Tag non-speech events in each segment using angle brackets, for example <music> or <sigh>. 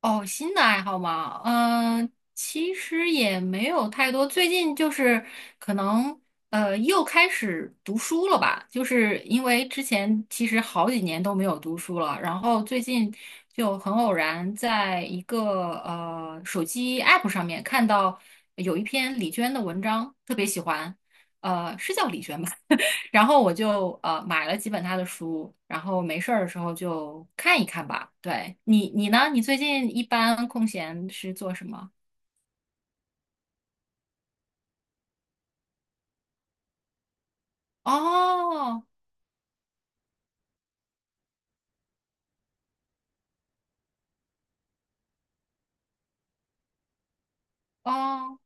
哦，新的爱好嘛，其实也没有太多。最近就是可能又开始读书了吧，就是因为之前其实好几年都没有读书了，然后最近就很偶然在一个手机 app 上面看到有一篇李娟的文章，特别喜欢，是叫李娟吧？然后我就买了几本他的书，然后没事儿的时候就看一看吧。对你，你呢？你最近一般空闲是做什么？哦。哦，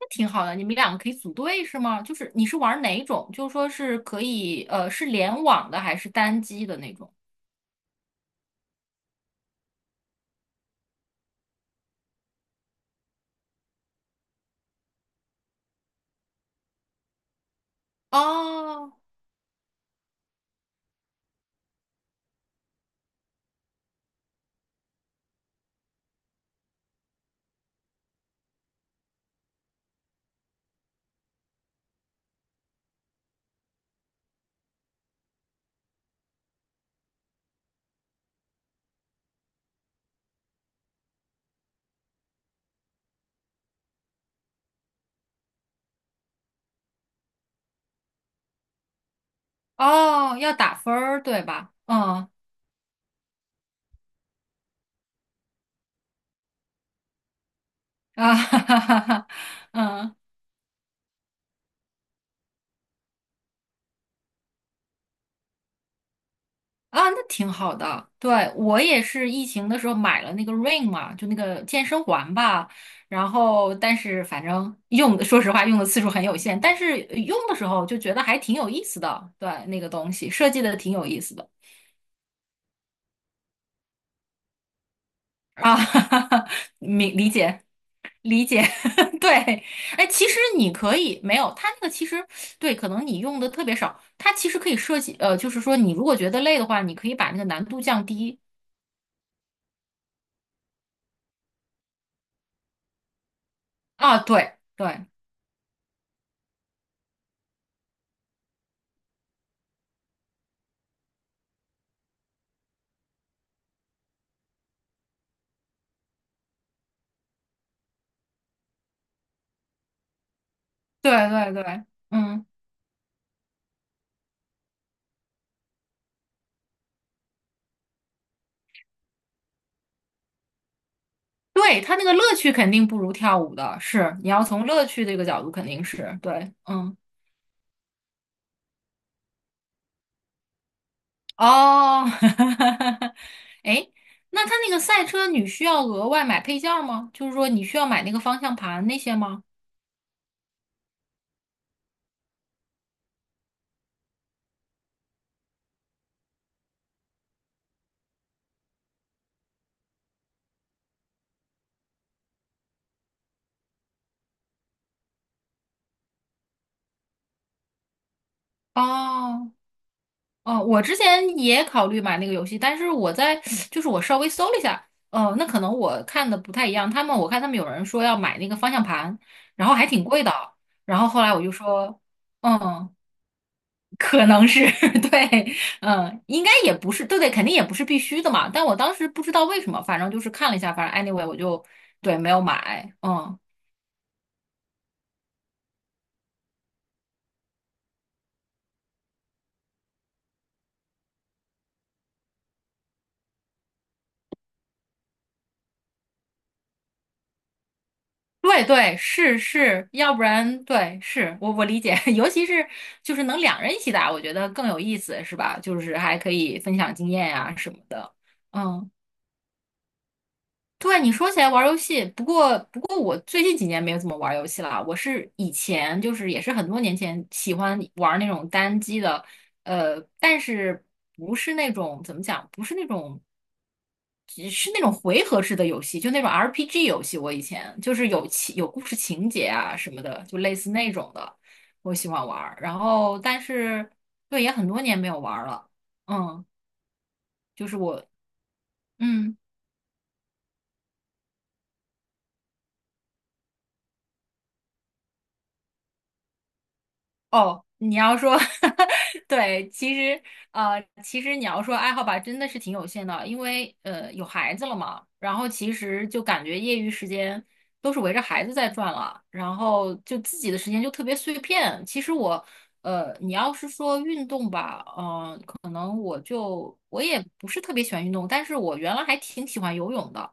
那挺好的，你们两个可以组队是吗？就是你是玩哪种？就说是可以是联网的还是单机的那种？哦。哦，要打分儿对吧？嗯。啊哈哈哈哈，<laughs> 嗯。啊，那挺好的。对，我也是疫情的时候买了那个 r i n g 嘛，就那个健身环吧。然后，但是反正用的，说实话用的次数很有限，但是用的时候就觉得还挺有意思的。对，那个东西设计的挺有意思的。啊，<laughs> 哈哈哈，明理解。理解，<laughs> 对，哎，其实你可以没有它那个，其实对，可能你用的特别少，它其实可以设计，就是说你如果觉得累的话，你可以把那个难度降低。啊，对对，对对对，嗯，对，他那个乐趣肯定不如跳舞的，是，你要从乐趣这个角度肯定是对，嗯。哦，<laughs> 哎，那他那个赛车你需要额外买配件儿吗？就是说你需要买那个方向盘那些吗？哦。哦，我之前也考虑买那个游戏，但是我在就是我稍微搜了一下，哦，那可能我看的不太一样，他们我看他们有人说要买那个方向盘，然后还挺贵的，然后后来我就说。嗯，可能是 <laughs> 对，嗯，应该也不是，对对，肯定也不是必须的嘛。但我当时不知道为什么，反正就是看了一下，反正 anyway 我就对没有买，嗯。对对是是，要不然对是我理解，<laughs> 尤其是就是能两人一起打，我觉得更有意思，是吧？就是还可以分享经验呀、什么的，嗯。对，你说起来玩儿游戏，不过我最近几年没有怎么玩儿游戏了。我是以前就是也是很多年前喜欢玩儿那种单机的，但是不是那种怎么讲，不是那种只是那种回合制的游戏，就那种 RPG 游戏。我以前就是有情有故事情节啊什么的，就类似那种的，我喜欢玩儿然后但是对也很多年没有玩儿了，嗯，就是我。嗯。哦，你要说，<laughs> 对，其实其实你要说爱好吧，真的是挺有限的，因为有孩子了嘛，然后其实就感觉业余时间都是围着孩子在转了，然后就自己的时间就特别碎片。其实我你要是说运动吧，嗯。可能我也不是特别喜欢运动，但是我原来还挺喜欢游泳的，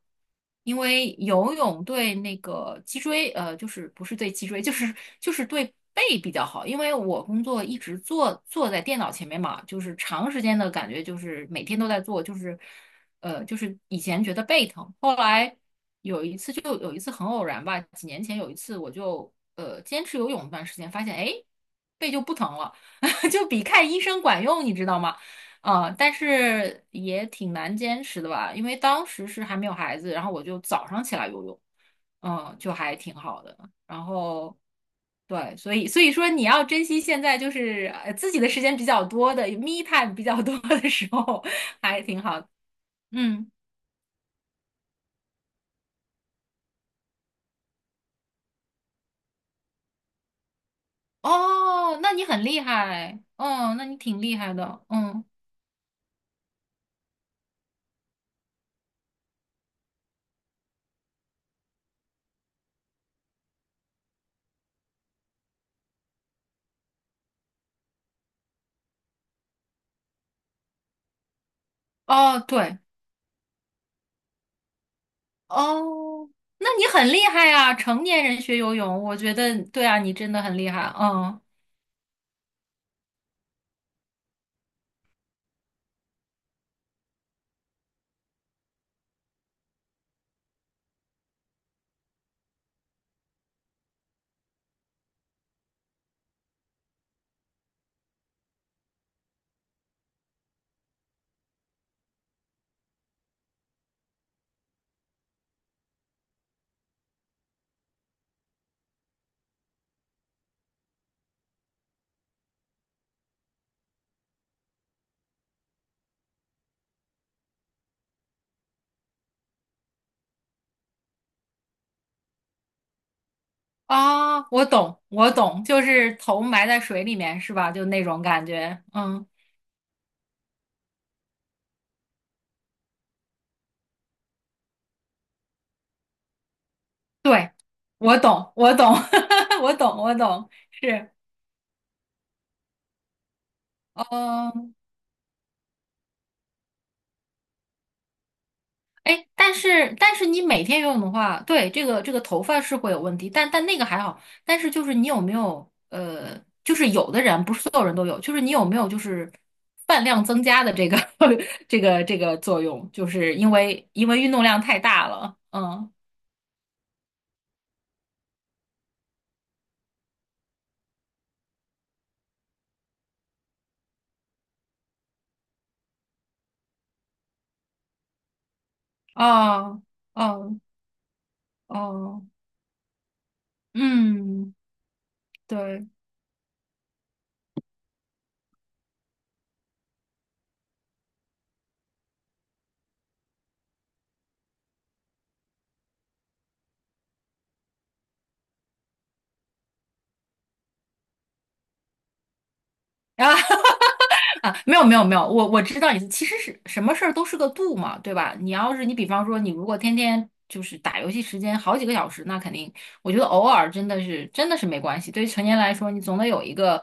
因为游泳对那个脊椎，就是不是对脊椎，就是对背比较好，因为我工作一直坐在电脑前面嘛，就是长时间的感觉就是每天都在做，就是就是以前觉得背疼，后来有一次就有一次很偶然吧，几年前有一次我就坚持游泳一段时间，发现哎背就不疼了。<laughs> 就比看医生管用，你知道吗？嗯，但是也挺难坚持的吧，因为当时是还没有孩子，然后我就早上起来游泳，嗯，就还挺好的。然后对，所以说你要珍惜现在就是自己的时间比较多的，me time 比较多的时候，还挺好的。嗯，哦，那你很厉害，哦，那你挺厉害的，嗯。哦，对，哦，那你很厉害啊，成年人学游泳，我觉得对啊，你真的很厉害，嗯。啊，我懂，我懂，就是头埋在水里面是吧？就那种感觉。嗯，对，我懂，我懂，<laughs> 我懂，我懂，是，嗯。哎，但是但是你每天游泳的话，对，这个这个头发是会有问题，但但那个还好。但是就是你有没有就是有的人不是所有人都有，就是你有没有就是饭量增加的这个 <laughs> 这个这个作用，就是因为因为运动量太大了。嗯，哦。哦，哦，嗯，对。啊 <laughs> 啊，没有没有没有，我知道你，其实是什么事儿都是个度嘛，对吧？你要是你比方说你如果天天就是打游戏时间好几个小时，那肯定，我觉得偶尔真的是真的是没关系。对于成年来说，你总得有一个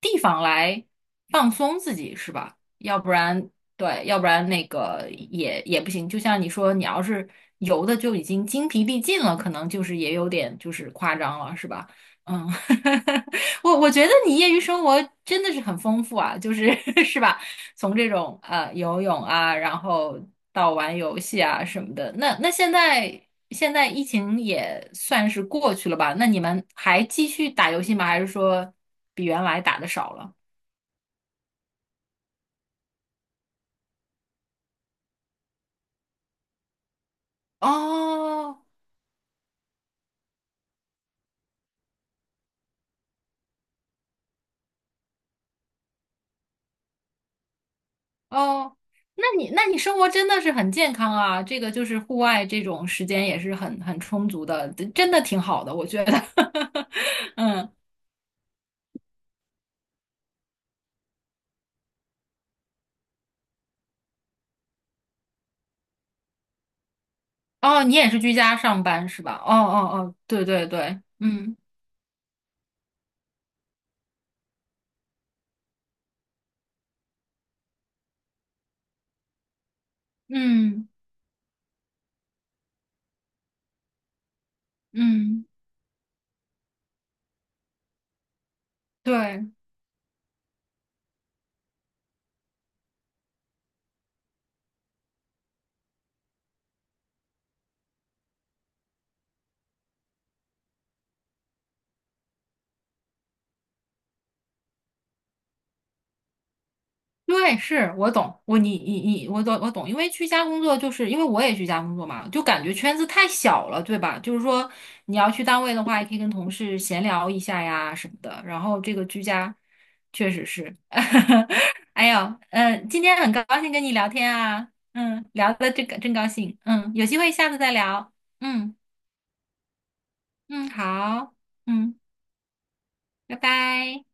地方来放松自己，是吧？要不然对，要不然那个也也不行。就像你说，你要是游的就已经精疲力尽了，可能就是也有点就是夸张了，是吧？嗯，<laughs> 我我觉得你业余生活真的是很丰富啊，就是 <laughs> 是吧？从这种游泳啊，然后到玩游戏啊什么的，那那现在现在疫情也算是过去了吧？那你们还继续打游戏吗？还是说比原来打的少了？哦。哦，那你那你生活真的是很健康啊，这个就是户外这种时间也是很很充足的，真的挺好的，我觉得。<laughs> 嗯。哦，你也是居家上班是吧？哦哦哦，对对对，嗯嗯嗯，对对，是我懂，我你你你，我懂我懂，因为居家工作就是因为我也居家工作嘛，就感觉圈子太小了，对吧？就是说你要去单位的话，也可以跟同事闲聊一下呀什么的，然后这个居家确实是，<laughs> 哎呦，嗯，今天很高兴跟你聊天啊，嗯，聊的这个真高兴，嗯，有机会下次再聊，嗯嗯，好。嗯。拜拜。